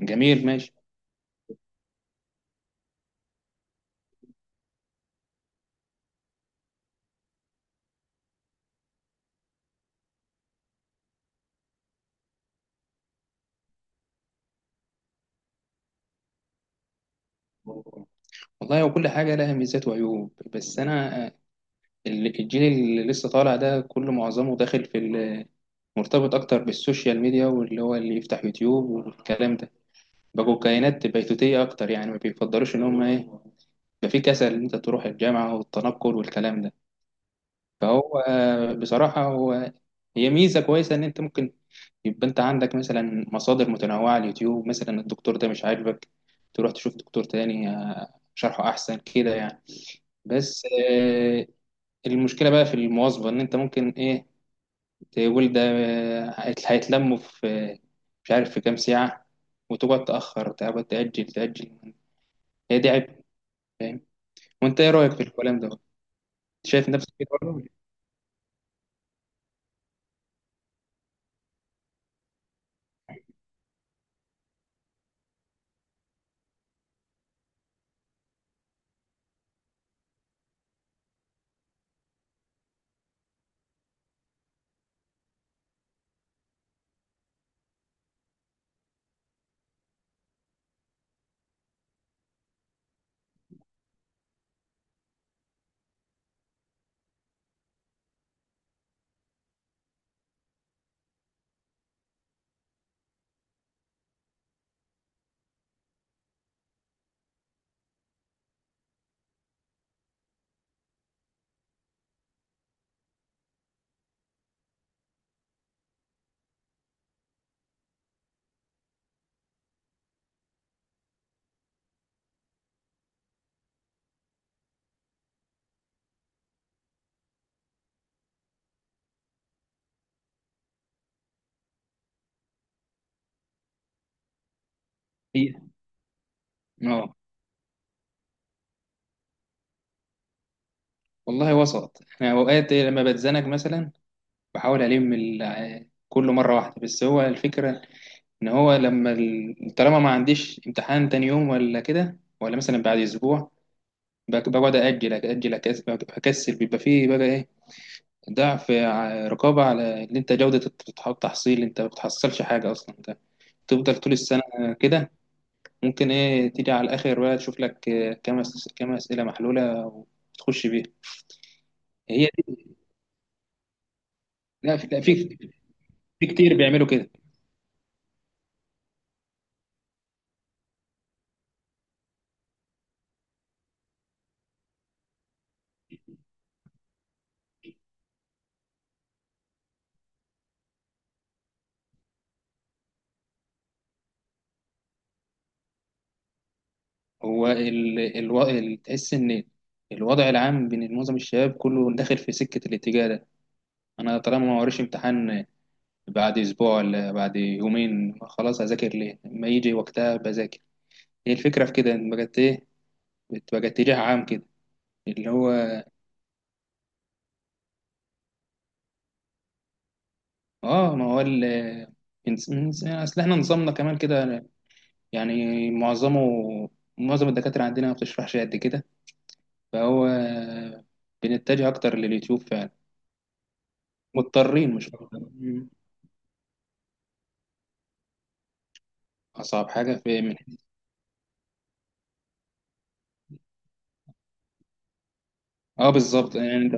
جميل ماشي. والله وكل حاجة لها ميزات وعيوب، بس أنا الجيل اللي لسه طالع ده كله معظمه داخل في مرتبط اكتر بالسوشيال ميديا، واللي هو اللي يفتح يوتيوب والكلام ده. بقوا كائنات بيتوتية اكتر، يعني ما بيفضلوش ان هم ايه، يبقى في كسل ان انت تروح الجامعة والتنقل والكلام ده. فهو بصراحة هي ميزة كويسة ان انت ممكن يبقى انت عندك مثلا مصادر متنوعة على اليوتيوب، مثلا الدكتور ده مش عاجبك تروح تشوف دكتور تاني شرحه احسن كده يعني. بس آه، المشكلة بقى في المواظبة، ان انت ممكن ايه، تقول ده هيتلموا في، مش عارف، في كام ساعة، وتقعد تأخر، تقعد تأجل تأجل. هي دي عيب، فاهم؟ وأنت إيه رأيك في الكلام ده؟ شايف نفسك كده برضه ولا إيه؟ آه، والله وسط. أنا أوقات لما بتزنق مثلا بحاول ألم كله مرة واحدة، بس هو الفكرة إن هو لما طالما ما عنديش امتحان تاني يوم ولا كده، ولا مثلا بعد أسبوع، بقعد أجل أجل، أكسل، بيبقى فيه بقى إيه، ضعف رقابة على إن أنت جودة التحصيل، أنت ما بتحصلش حاجة أصلا، أنت تفضل طول السنة كده. ممكن إيه تيجي على الآخر بقى، تشوف لك كام كام أسئلة محلولة وتخش بيها. هي دي. لا، في، لا، في، في كتير بيعملوا كده. هو تحس إن الوضع العام بين معظم الشباب كله داخل في سكة الاتجاه ده. أنا طالما ما وريش امتحان بعد أسبوع ولا بعد يومين، خلاص هذاكر ليه؟ لما يجي وقتها بذاكر. هي الفكرة في كده، إن بجد إيه، بتبقى اتجاه عام كده، اللي هو. اه، ما هو اصل احنا نظامنا كمان كده، يعني معظم الدكاترة عندنا ما بتشرحش قد كده، فهو بنتجه اكتر لليوتيوب فعلا، مضطرين مش اكتر. مم. اصعب حاجة في من، اه بالظبط يعني انت،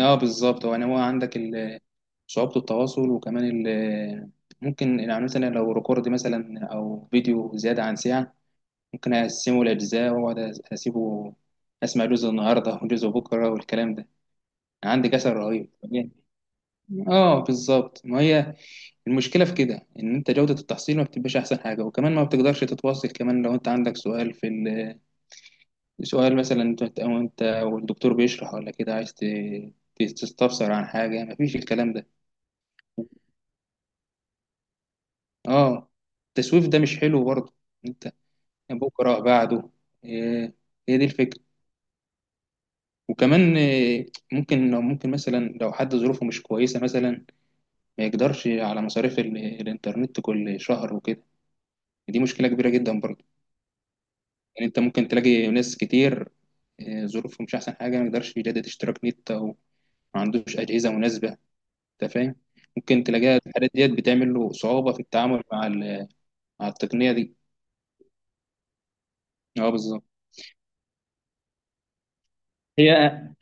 اه بالظبط، هو يعني هو عندك صعوبة التواصل، وكمان ممكن يعني مثلا لو ريكورد مثلا او فيديو زيادة عن ساعة، ممكن أقسمه لأجزاء وأقعد أسيبه، أسمع جزء النهاردة وجزء بكرة والكلام ده. عندي كسل رهيب طبيعي. آه، بالظبط، ما هي المشكلة في كده، إن أنت جودة التحصيل ما بتبقاش أحسن حاجة، وكمان ما بتقدرش تتواصل. كمان لو أنت عندك سؤال في سؤال مثلا أنت، أو أنت والدكتور بيشرح ولا كده، عايز تستفسر عن حاجة، مفيش الكلام ده. آه، التسويف ده مش حلو برضه. أنت بكرة بعده، إيه، هي دي الفكرة. وكمان ممكن لو ممكن مثلا لو حد ظروفه مش كويسة مثلا، ما يقدرش على مصاريف الإنترنت كل شهر وكده، دي مشكلة كبيرة جدا برضه. يعني أنت ممكن تلاقي ناس كتير ظروفهم مش أحسن حاجة، ما يقدرش يجدد اشتراك نت، أو ما عندوش أجهزة مناسبة، أنت فاهم. ممكن تلاقيها الحاجات ديت بتعمل له صعوبة في التعامل مع مع التقنية دي. أه بالظبط. هي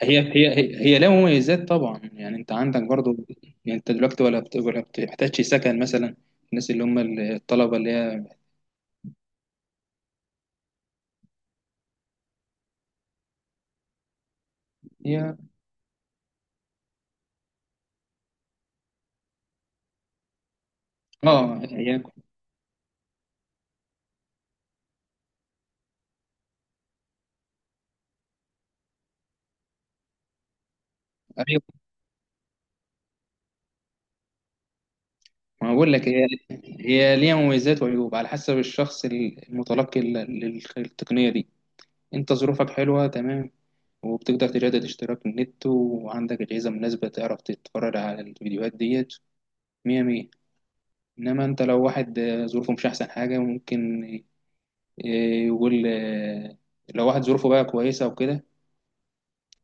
هي هي لها مميزات طبعا، يعني انت عندك برضو، يعني انت دلوقتي ولا ولا بتحتاجش سكن مثلا، الناس اللي هم الطلبه اللي هي. هي، اه هي، ايوه، ما بقول لك، هي ليها مميزات وعيوب على حسب الشخص المتلقي للتقنيه دي. انت ظروفك حلوه تمام، وبتقدر تجدد اشتراك النت، وعندك اجهزه مناسبه، تعرف تتفرج على الفيديوهات ديت، مية مية. انما انت لو واحد ظروفه مش احسن حاجه، ممكن إيه، يقول آه، لو واحد ظروفه بقى كويسة وكده،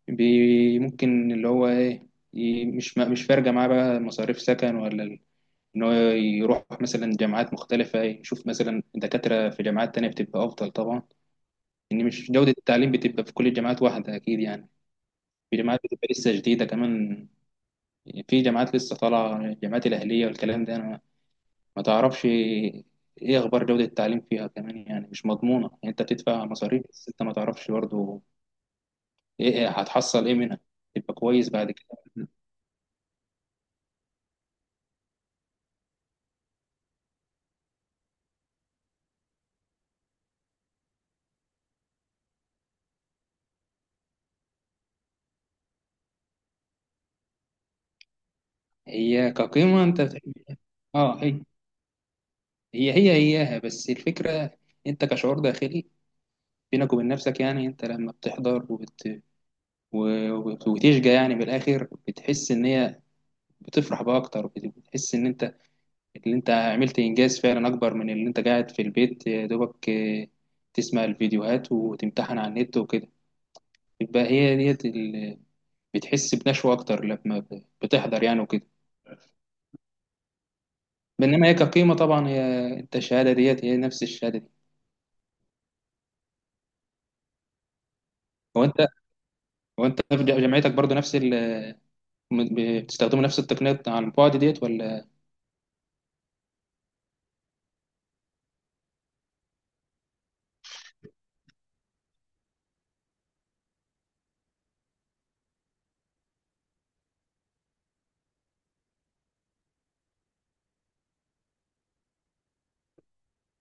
ممكن اللي هو ايه، مش فارقة معاه بقى مصاريف سكن ولا ان هو يروح مثلا جامعات مختلفة، إيه، يشوف مثلا دكاترة في جامعات تانية بتبقى أفضل طبعا. إن مش جودة التعليم بتبقى في كل الجامعات واحدة، أكيد يعني، في جامعات بتبقى لسه جديدة كمان، يعني في جامعات لسه طالعة، الجامعات الأهلية والكلام ده، أنا ما تعرفش ايه اخبار جودة التعليم فيها، كمان يعني مش مضمونة، يعني انت بتدفع مصاريف، بس انت ما تعرفش برضه ايه إيه، هتحصل ايه منها تبقى كويس بعد كده. هي كقيمة انت بتحبها، اه، هي هياها، بس الفكرة انت كشعور داخلي بينك وبين نفسك، يعني انت لما بتحضر وتشجع، يعني بالاخر بتحس ان هي بتفرح بقى اكتر، بتحس ان انت، اللي انت عملت انجاز فعلا اكبر من اللي انت قاعد في البيت يا دوبك تسمع الفيديوهات وتمتحن على النت وكده. يبقى هي ديت بتحس بنشوة اكتر لما بتحضر يعني وكده. بينما هي كقيمه طبعا، هي انت الشهاده ديت هي نفس الشهاده دي. هو انت هو انت في جامعتك برضو، نفس بتستخدموا نفس التقنيات على البعد ديت ولا؟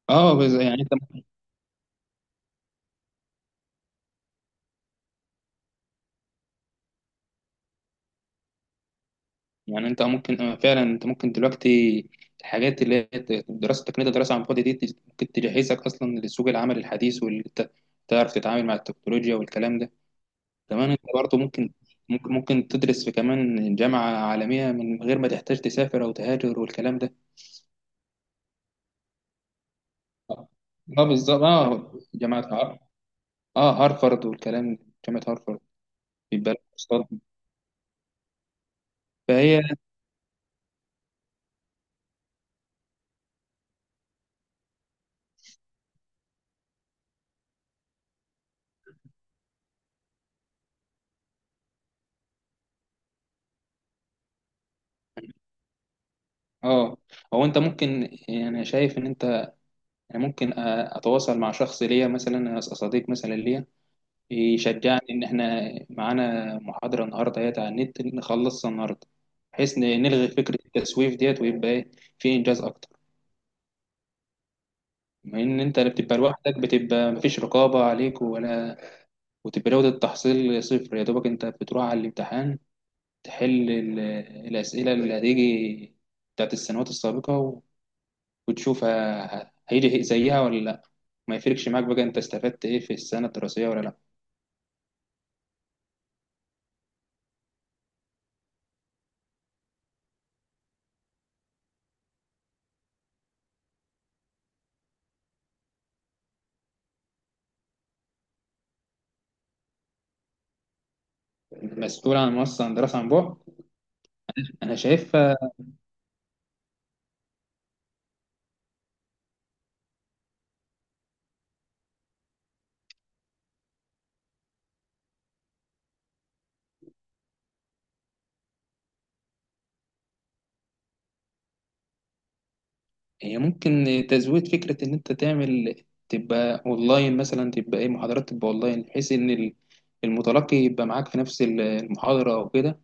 اه، يعني انت، يعني انت ممكن فعلا انت ممكن دلوقتي الحاجات اللي هي دراسه تقنيه الدراسه عن بعد دي، ممكن تجهزك اصلا لسوق العمل الحديث، واللي انت تعرف تتعامل مع التكنولوجيا والكلام ده. كمان انت برضو ممكن، ممكن تدرس في كمان جامعه عالميه من غير ما تحتاج تسافر او تهاجر والكلام ده. اه بالظبط، اه جامعة، اه هارفارد والكلام ده، جامعة هارفارد بيبقى لها كورسات. فهي اه، هو انت ممكن، يعني شايف ان انت، يعني ممكن اتواصل مع شخص ليا مثلا، صديق مثلا ليا، يشجعني ان احنا معانا محاضرة النهارده هي على النت، نخلصها النهارده، بحيث نلغي فكرة التسويف ديت، ويبقى ايه، في انجاز اكتر. بما ان انت اللي بتبقى لوحدك، بتبقى مفيش رقابة عليك ولا، وتبقى جودة التحصيل صفر، يا دوبك انت بتروح على الامتحان تحل الأسئلة اللي هتيجي بتاعت السنوات السابقة وتشوف هيجي زيها ولا لأ. ما يفرقش معاك بقى أنت استفدت إيه في السنة الدراسية ولا لأ. المسؤول عن منصة عن دراسة عن بعد، أنا شايفها هي ممكن تزويد فكرة إن أنت تعمل، تبقى أونلاين مثلا، تبقى إيه، محاضرات تبقى أونلاين، بحيث إن المتلقي يبقى معاك في نفس المحاضرة أو كده،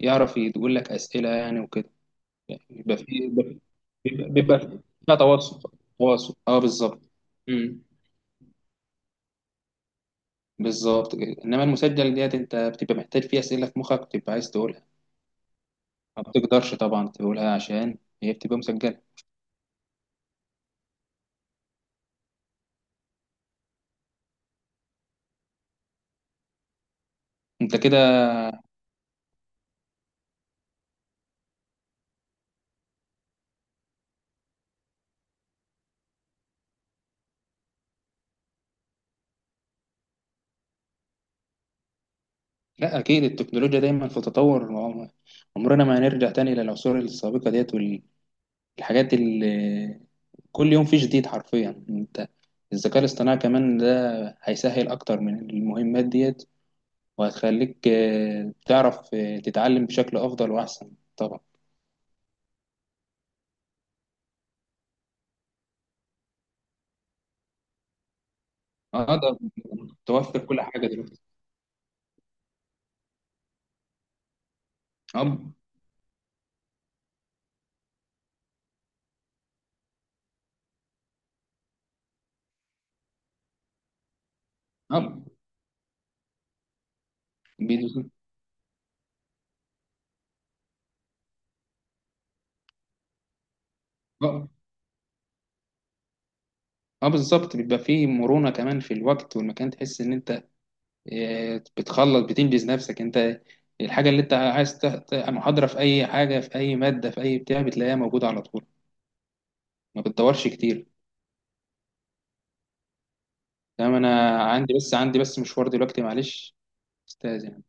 يعرف يقول لك أسئلة يعني وكده. يعني يبقى في، بيبقى فيها تواصل، تواصل، اه بالظبط. امم، بالظبط كده، انما المسجل ديت انت بتبقى محتاج فيها اسئله في مخك بتبقى عايز تقولها، ما بتقدرش طبعا تقولها عشان هي بتبقى مسجله. انت كده. لا، اكيد التكنولوجيا دايما في تطور، ما هو عمرنا ما هنرجع تاني للعصور السابقه ديت، والحاجات اللي كل يوم في جديد حرفيا. انت الذكاء الاصطناعي كمان ده هيسهل اكتر من المهمات ديت، وهتخليك تعرف تتعلم بشكل أفضل وأحسن طبعا. اه، ده توفر كل حاجة دلوقتي. اب اب بيدو- اه بالظبط، بيبقى فيه مرونة كمان في الوقت والمكان، تحس إن أنت بتخلص، بتنجز نفسك. أنت الحاجة اللي أنت عايز محاضرة في أي حاجة، في أي مادة، في أي بتاع، بتلاقيها موجودة على طول، ما بتدورش كتير. تمام، أنا عندي بس، عندي بس مشوار دلوقتي، معلش أستاذ يعني.